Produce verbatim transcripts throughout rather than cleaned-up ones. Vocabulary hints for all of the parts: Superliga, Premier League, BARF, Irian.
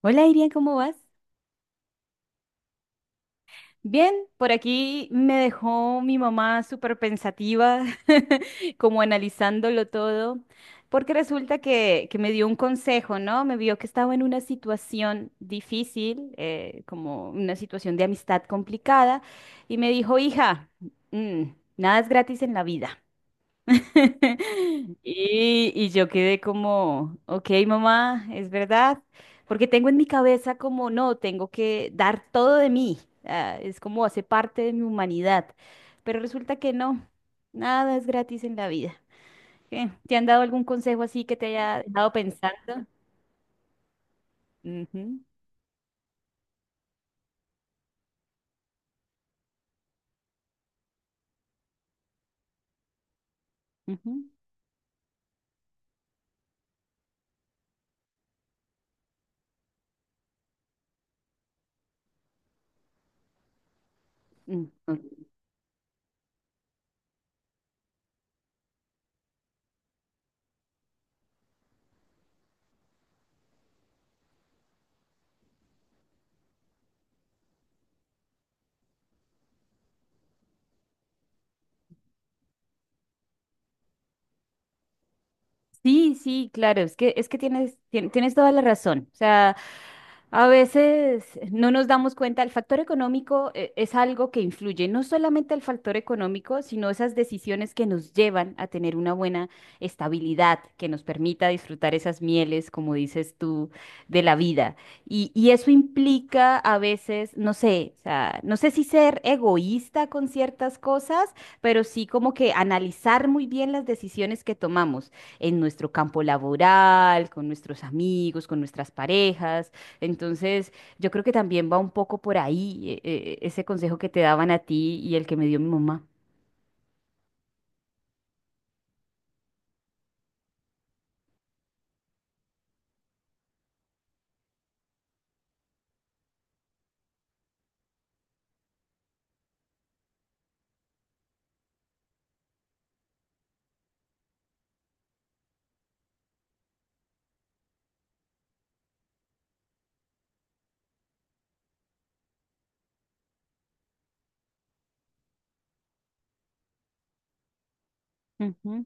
Hola Irian, ¿cómo vas? Bien, por aquí me dejó mi mamá súper pensativa, como analizándolo todo, porque resulta que, que me dio un consejo, ¿no? Me vio que estaba en una situación difícil, eh, como una situación de amistad complicada, y me dijo, hija, mm, nada es gratis en la vida. Y, y yo quedé como, ok, mamá, es verdad, porque tengo en mi cabeza como, no, tengo que dar todo de mí, ah, es como hace parte de mi humanidad, pero resulta que no, nada es gratis en la vida. ¿Qué? ¿Te han dado algún consejo así que te haya dejado pensando? Ujú, ujú, mm, ok. Sí, sí, claro, es que, es que tienes, tien- tienes toda la razón, o sea. A veces no nos damos cuenta, el factor económico eh, es algo que influye, no solamente el factor económico, sino esas decisiones que nos llevan a tener una buena estabilidad, que nos permita disfrutar esas mieles, como dices tú, de la vida. Y, y eso implica a veces, no sé, o sea, no sé si ser egoísta con ciertas cosas, pero sí como que analizar muy bien las decisiones que tomamos en nuestro campo laboral, con nuestros amigos, con nuestras parejas, entonces, yo creo que también va un poco por ahí, eh, eh, ese consejo que te daban a ti y el que me dio mi mamá. Ujú.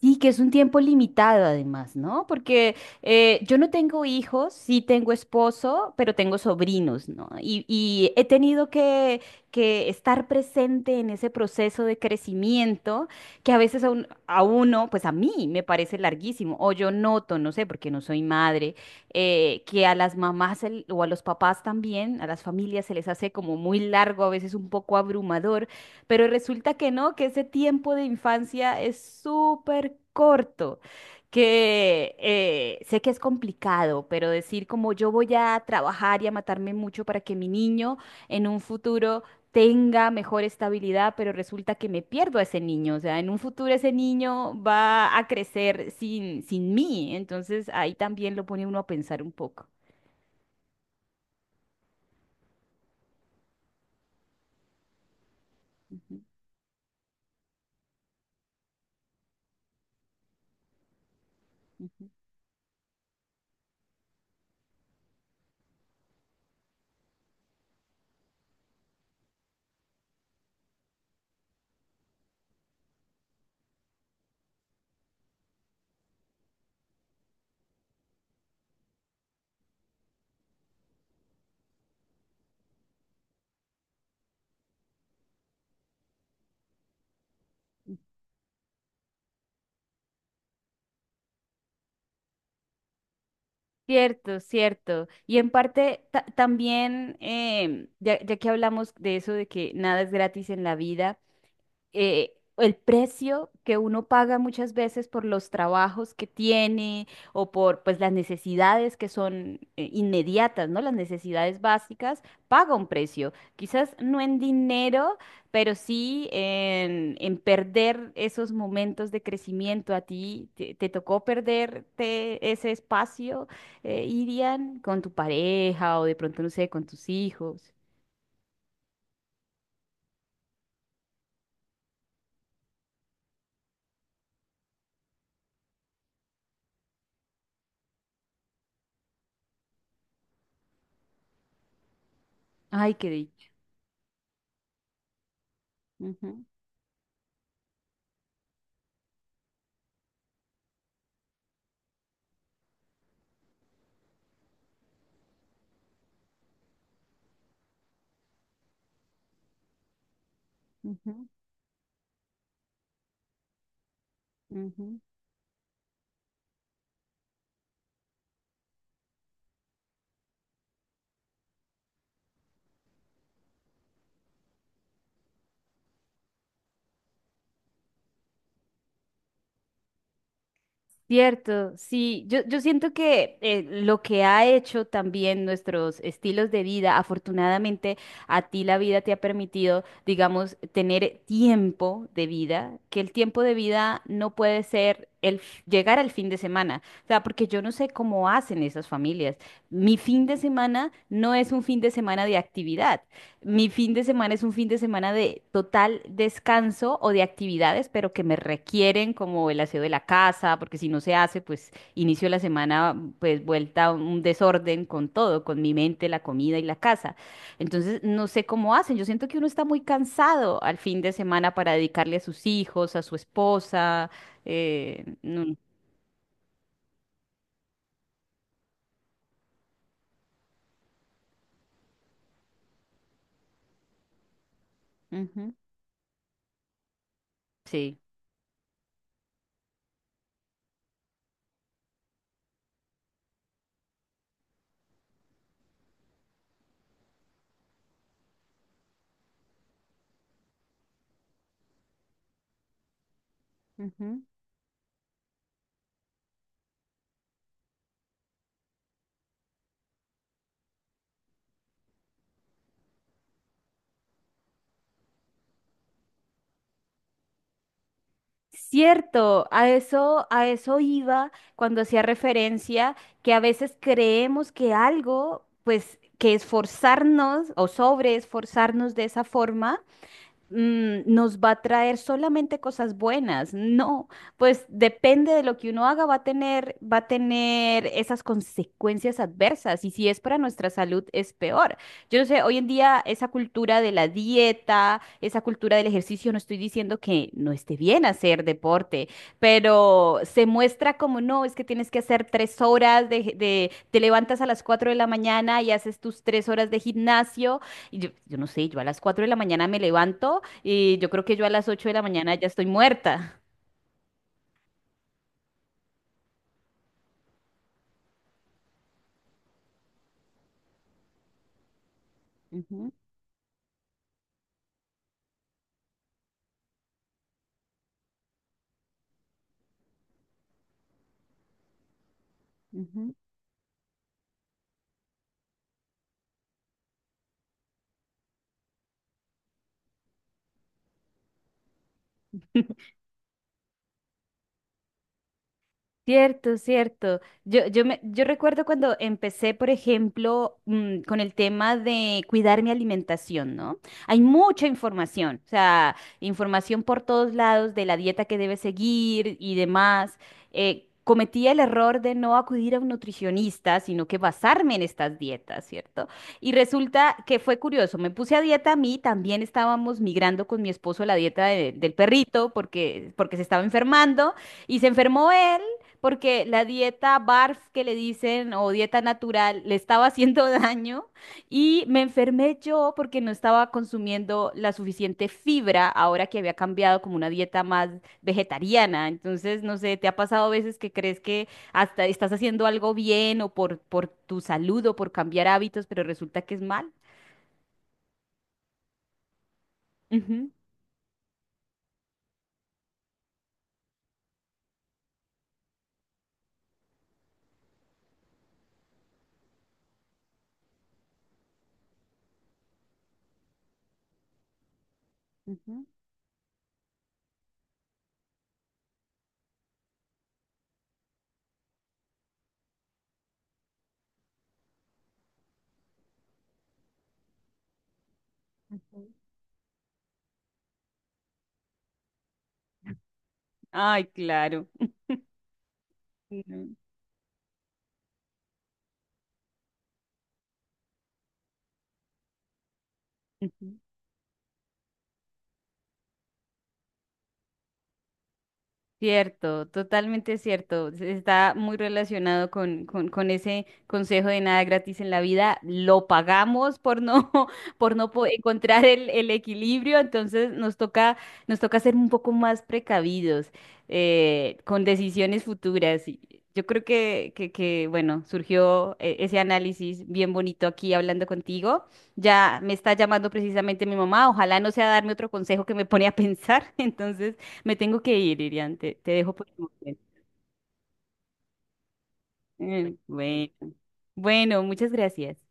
Sí, que es un tiempo limitado además, ¿no? Porque eh, yo no tengo hijos, sí tengo esposo, pero tengo sobrinos, ¿no? Y, y he tenido que, que estar presente en ese proceso de crecimiento que a veces a, un- a uno, pues a mí me parece larguísimo, o yo noto, no sé, porque no soy madre, eh, que a las mamás el- o a los papás también, a las familias se les hace como muy largo, a veces un poco abrumador, pero resulta que no, que ese tiempo de infancia es súper corto, que eh, sé que es complicado, pero decir como yo voy a trabajar y a matarme mucho para que mi niño en un futuro tenga mejor estabilidad, pero resulta que me pierdo a ese niño, o sea, en un futuro ese niño va a crecer sin, sin mí, entonces ahí también lo pone uno a pensar un poco. Ujú. Cierto, cierto. Y en parte ta- también, em, ya, ya que hablamos de eso, de que nada es gratis en la vida, eh, el precio que uno paga muchas veces por los trabajos que tiene o por pues las necesidades que son eh, inmediatas, ¿no? Las necesidades básicas, paga un precio. Quizás no en dinero, pero sí en, en perder esos momentos de crecimiento. ¿A ti te, te tocó perderte ese espacio, eh, Irian, con tu pareja o de pronto, no sé, con tus hijos? Ay, qué dicho. Cierto, sí, yo, yo siento que eh, lo que ha hecho también nuestros estilos de vida, afortunadamente a ti la vida te ha permitido, digamos, tener tiempo de vida, que el tiempo de vida no puede ser el f- llegar al fin de semana, o sea, porque yo no sé cómo hacen esas familias. Mi fin de semana no es un fin de semana de actividad, mi fin de semana es un fin de semana de total descanso o de actividades, pero que me requieren como el aseo de la casa, porque si no se hace, pues inicio la semana pues vuelta a un desorden con todo, con mi mente, la comida y la casa. Entonces, no sé cómo hacen. Yo siento que uno está muy cansado al fin de semana para dedicarle a sus hijos, a su esposa. eh, no- Ujú, sí. Ujú. Cierto, a eso, a eso, iba cuando hacía referencia que a veces creemos que algo, pues que esforzarnos o sobre esforzarnos de esa forma, mm, nos va a traer solamente cosas buenas. No, pues depende de lo que uno haga, va a tener, va a tener esas consecuencias adversas. Y si es para nuestra salud, es peor. Yo no sé, hoy en día esa cultura de la dieta, esa cultura del ejercicio, no estoy diciendo que no esté bien hacer deporte, pero se muestra como no, es que tienes que hacer tres horas de, de- te levantas a las cuatro de la mañana y haces tus tres horas de gimnasio y yo, yo no sé, yo a las cuatro de la mañana me levanto y yo creo que yo a las ocho de la mañana ya estoy muerta. Ujú, ujú. Cierto, cierto. Yo, yo, me, yo recuerdo cuando empecé, por ejemplo, mm, con el tema de cuidar mi alimentación, ¿no? Hay mucha información, o sea, información por todos lados de la dieta que debes seguir y demás. Eh, cometí el error de no acudir a un nutricionista, sino que basarme en estas dietas, ¿cierto? Y resulta que fue curioso, me puse a dieta a mí, también estábamos migrando con mi esposo a la dieta de- del perrito porque, porque, se estaba enfermando. Y se enfermó él porque la dieta BARF que le dicen o dieta natural le estaba haciendo daño y me enfermé yo porque no estaba consumiendo la suficiente fibra ahora que había cambiado como una dieta más vegetariana. Entonces, no sé, ¿te ha pasado a veces que crees que hasta estás haciendo algo bien o por, por tu salud o por cambiar hábitos, pero resulta que es mal? Ujú, ujú, ujú. Ay, claro. Ujú, ujú. Cierto, totalmente cierto. Se- Está muy relacionado con, con, con ese consejo de nada gratis en la vida. Lo pagamos por no, por no po- encontrar el, el equilibrio, entonces nos toca, nos toca ser un poco más precavidos, eh, con decisiones futuras. Y yo creo que, que, que, bueno, surgió eh, ese análisis bien bonito aquí hablando contigo. Ya me está llamando precisamente mi mamá. Ojalá no sea darme otro consejo que me pone a pensar. Entonces. Me tengo que ir, Irian. Te, te dejo por el momento. Eh, Bueno, bueno, muchas gracias.